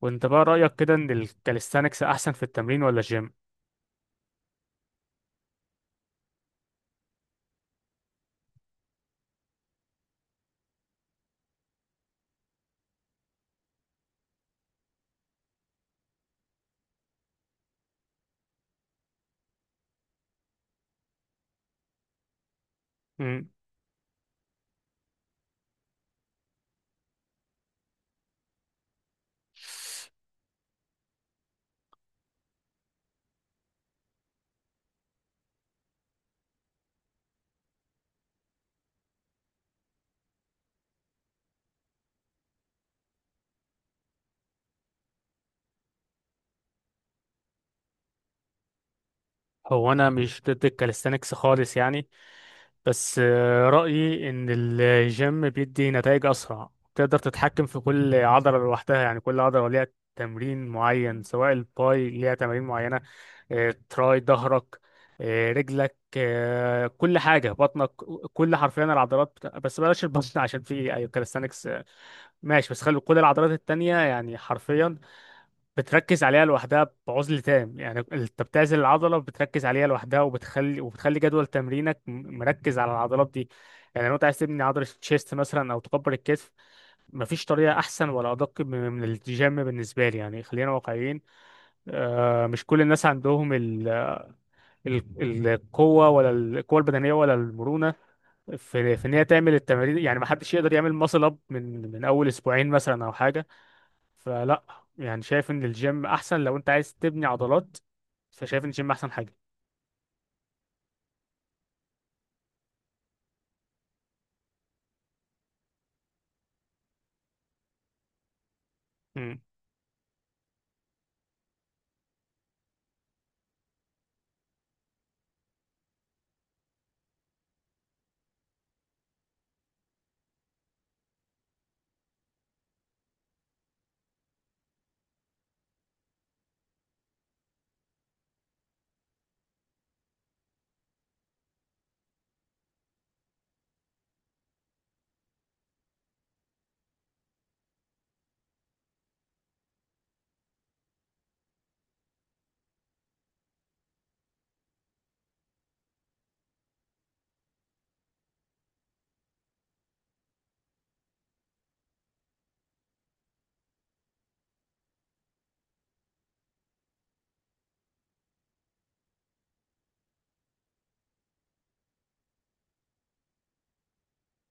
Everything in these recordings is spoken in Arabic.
وانت بقى رأيك كده ان الكاليستانكس احسن في التمرين ولا الجيم؟ مم. هو انا مش ضد الكاليستانكس خالص يعني. بس رأيي ان الجيم بيدي نتائج اسرع. تقدر تتحكم في كل عضلة لوحدها، يعني كل عضلة ليها تمرين معين، سواء الباي ليها تمارين معينة. تراي، ظهرك، رجلك، كل حاجة، بطنك، كل حرفيا العضلات بس بلاش البطن عشان في كاليستانكس ماشي. بس خلي كل العضلات التانية، يعني حرفيا بتركز عليها لوحدها بعزل تام، يعني انت بتعزل العضله بتركز عليها لوحدها، وبتخلي جدول تمرينك مركز على العضلات دي. يعني لو انت عايز تبني عضله الشيست مثلا او تكبر الكتف، مفيش طريقه احسن ولا ادق من الجيم بالنسبه لي، يعني خلينا واقعيين. مش كل الناس عندهم القوه، ولا القوه البدنيه ولا المرونه في ان هي تعمل التمارين، يعني محدش يقدر يعمل ماسل اب من اول اسبوعين مثلا او حاجه. فلا، يعني شايف ان الجيم احسن لو انت عايز تبني عضلات، فشايف ان الجيم احسن حاجه. مم.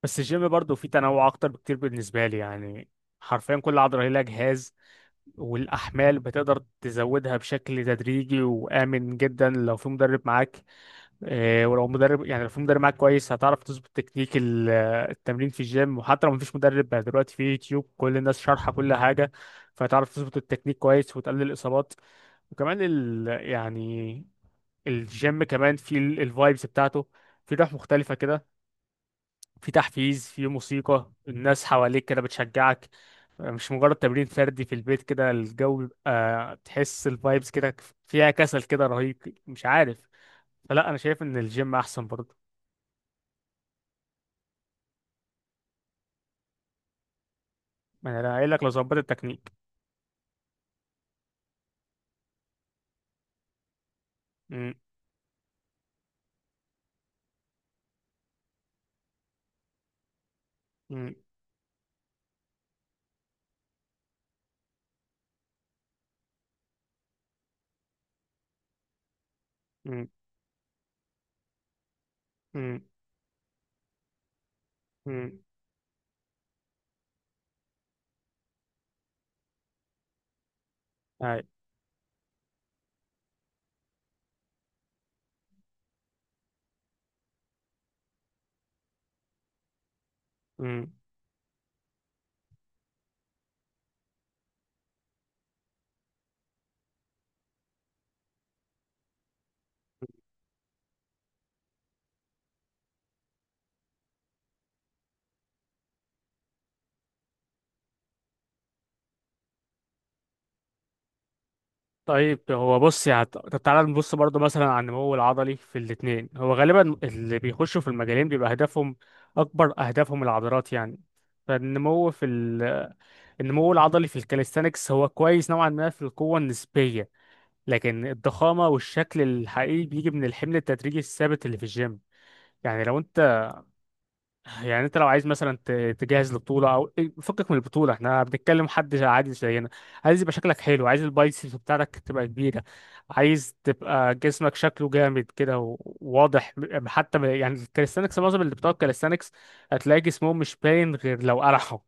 بس الجيم برضه فيه تنوع اكتر بكتير بالنسبه لي، يعني حرفيا كل عضله هي لها جهاز، والاحمال بتقدر تزودها بشكل تدريجي وامن جدا لو في مدرب معاك. ولو مدرب، يعني لو في مدرب معاك كويس هتعرف تظبط تكنيك التمرين في الجيم. وحتى لو مفيش مدرب بقى، دلوقتي في يوتيوب كل الناس شارحه كل حاجه، فهتعرف تظبط التكنيك كويس وتقلل الاصابات. وكمان يعني الجيم كمان في الفايبس بتاعته. في روح مختلفة كده، في تحفيز، في موسيقى، الناس حواليك كده بتشجعك، مش مجرد تمرين فردي في البيت كده، الجو بيبقى تحس الفايبس كده، فيها كسل كده رهيب مش عارف. فلا انا شايف ان الجيم احسن برضه. ما انا قايل لك لو ظبطت التكنيك. م-، م-، م-، م-، م. أي. طيب هو بص، يعني طب تعالى نبص برضو مثلا على النمو العضلي في الاتنين. هو غالبا اللي بيخشوا في المجالين بيبقى هدفهم أكبر، أهدافهم العضلات يعني. فالنمو في ال... النمو العضلي في الكاليستانكس هو كويس نوعا ما في القوة النسبية، لكن الضخامة والشكل الحقيقي بيجي من الحمل التدريجي الثابت اللي في الجيم. يعني لو انت يعني انت لو عايز مثلا تجهز لبطوله او إيه، فكك من البطوله، احنا بنتكلم حد عادي زينا، عايز يبقى شكلك حلو، عايز البايسبس بتاعتك تبقى كبيره، عايز تبقى جسمك شكله جامد كده وواضح. حتى يعني الكاليستانكس، معظم اللي بتوع الكاليستانكس هتلاقي جسمهم مش باين غير لو قرحوا،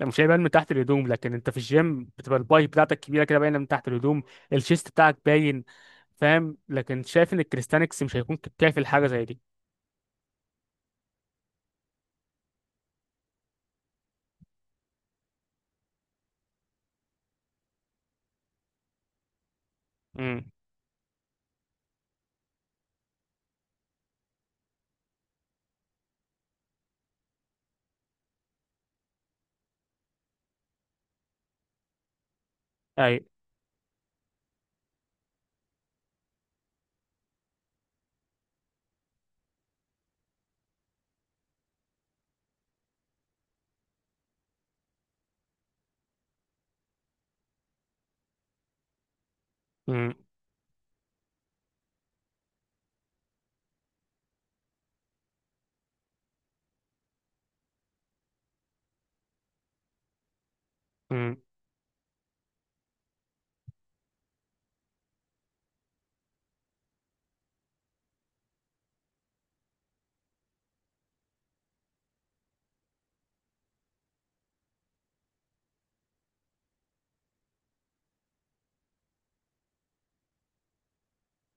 لو مش هيبان من تحت الهدوم. لكن انت في الجيم بتبقى الباي بتاعتك كبيره كده باينه من تحت الهدوم، الشيست بتاعك باين فاهم. لكن شايف ان الكاليستانكس مش هيكون كافي لحاجه زي دي. امم. اي.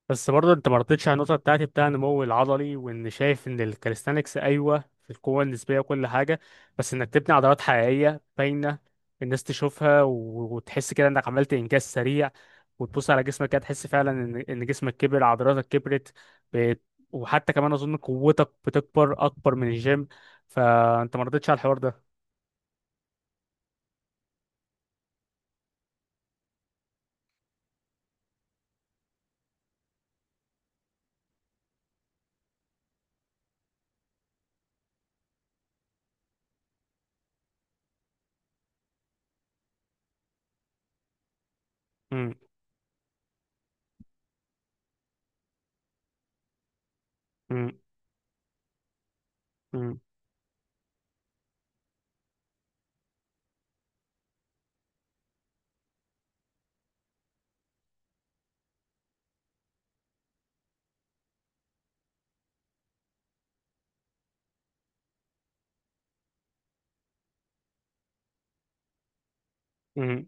بس برضه انت ما رضيتش على النقطه بتاعتي بتاع النمو العضلي، وان شايف ان الكاليستانكس ايوه في القوه النسبيه وكل حاجه، بس انك تبني عضلات حقيقيه باينه الناس تشوفها وتحس كده انك عملت انجاز سريع، وتبص على جسمك كده تحس فعلا ان جسمك كبر، عضلاتك كبرت. ب... وحتى كمان اظن قوتك بتكبر اكبر من الجيم، فانت ما رضيتش على الحوار ده. امم. امم. امم. امم.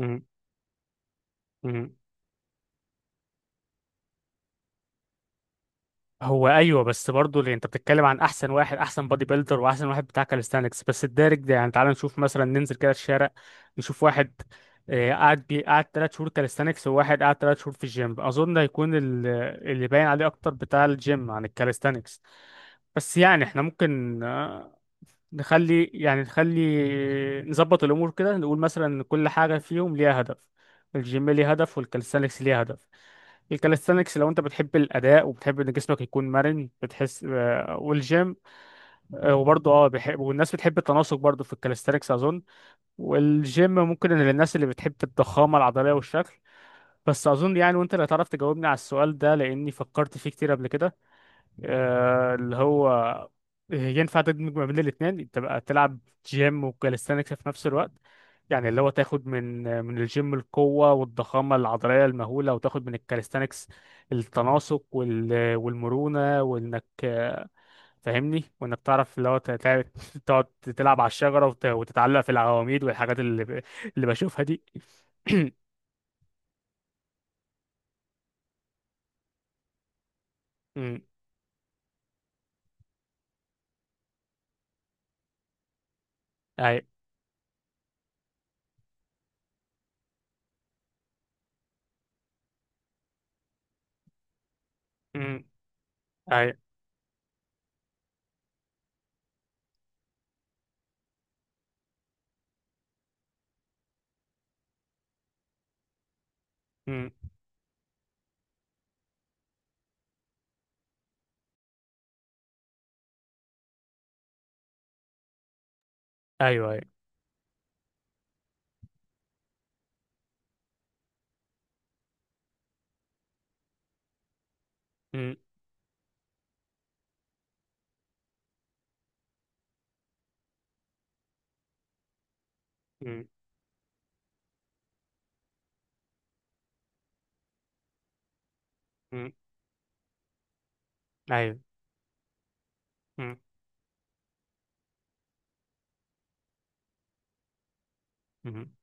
امم، امم. هو ايوه، بس برضه اللي انت بتتكلم عن احسن واحد، احسن بادي بيلدر واحسن واحد بتاع كاليستانكس، بس الدارج ده، يعني تعال نشوف مثلا، ننزل كده الشارع نشوف واحد، قعد 3 شهور كاليستانكس، وواحد قعد 3 شهور في الجيم، اظن هيكون اللي باين عليه اكتر بتاع الجيم عن الكاليستانكس. بس يعني احنا ممكن نخلي نظبط الامور كده، نقول مثلا ان كل حاجه فيهم ليها هدف. الجيم ليه هدف والكاليستانكس ليه هدف. الكاليستانكس لو انت بتحب الاداء وبتحب ان جسمك يكون مرن بتحس، والجيم وبرضه بيحب، والناس بتحب التناسق برضه في الكاليستانكس اظن. والجيم ممكن إن للناس اللي بتحب الضخامه العضليه والشكل. بس اظن يعني، وانت اللي هتعرف تجاوبني على السؤال ده لاني فكرت فيه كتير قبل كده، اللي هو ينفع تدمج ما بين الاثنين، تبقى تلعب جيم وكاليستانكس في نفس الوقت؟ يعني اللي هو تاخد من الجيم القوة والضخامة العضلية المهولة، وتاخد من الكاليستانكس التناسق والمرونة، وانك فاهمني، وانك تعرف اللي هو تقعد تلعب على الشجرة وتتعلق في العواميد والحاجات اللي اللي بشوفها دي. أمم، اي. أمم، اي. أمم، ايوه، ايوه. أمم، أمم، أمم، ايوه. أمم. مهم.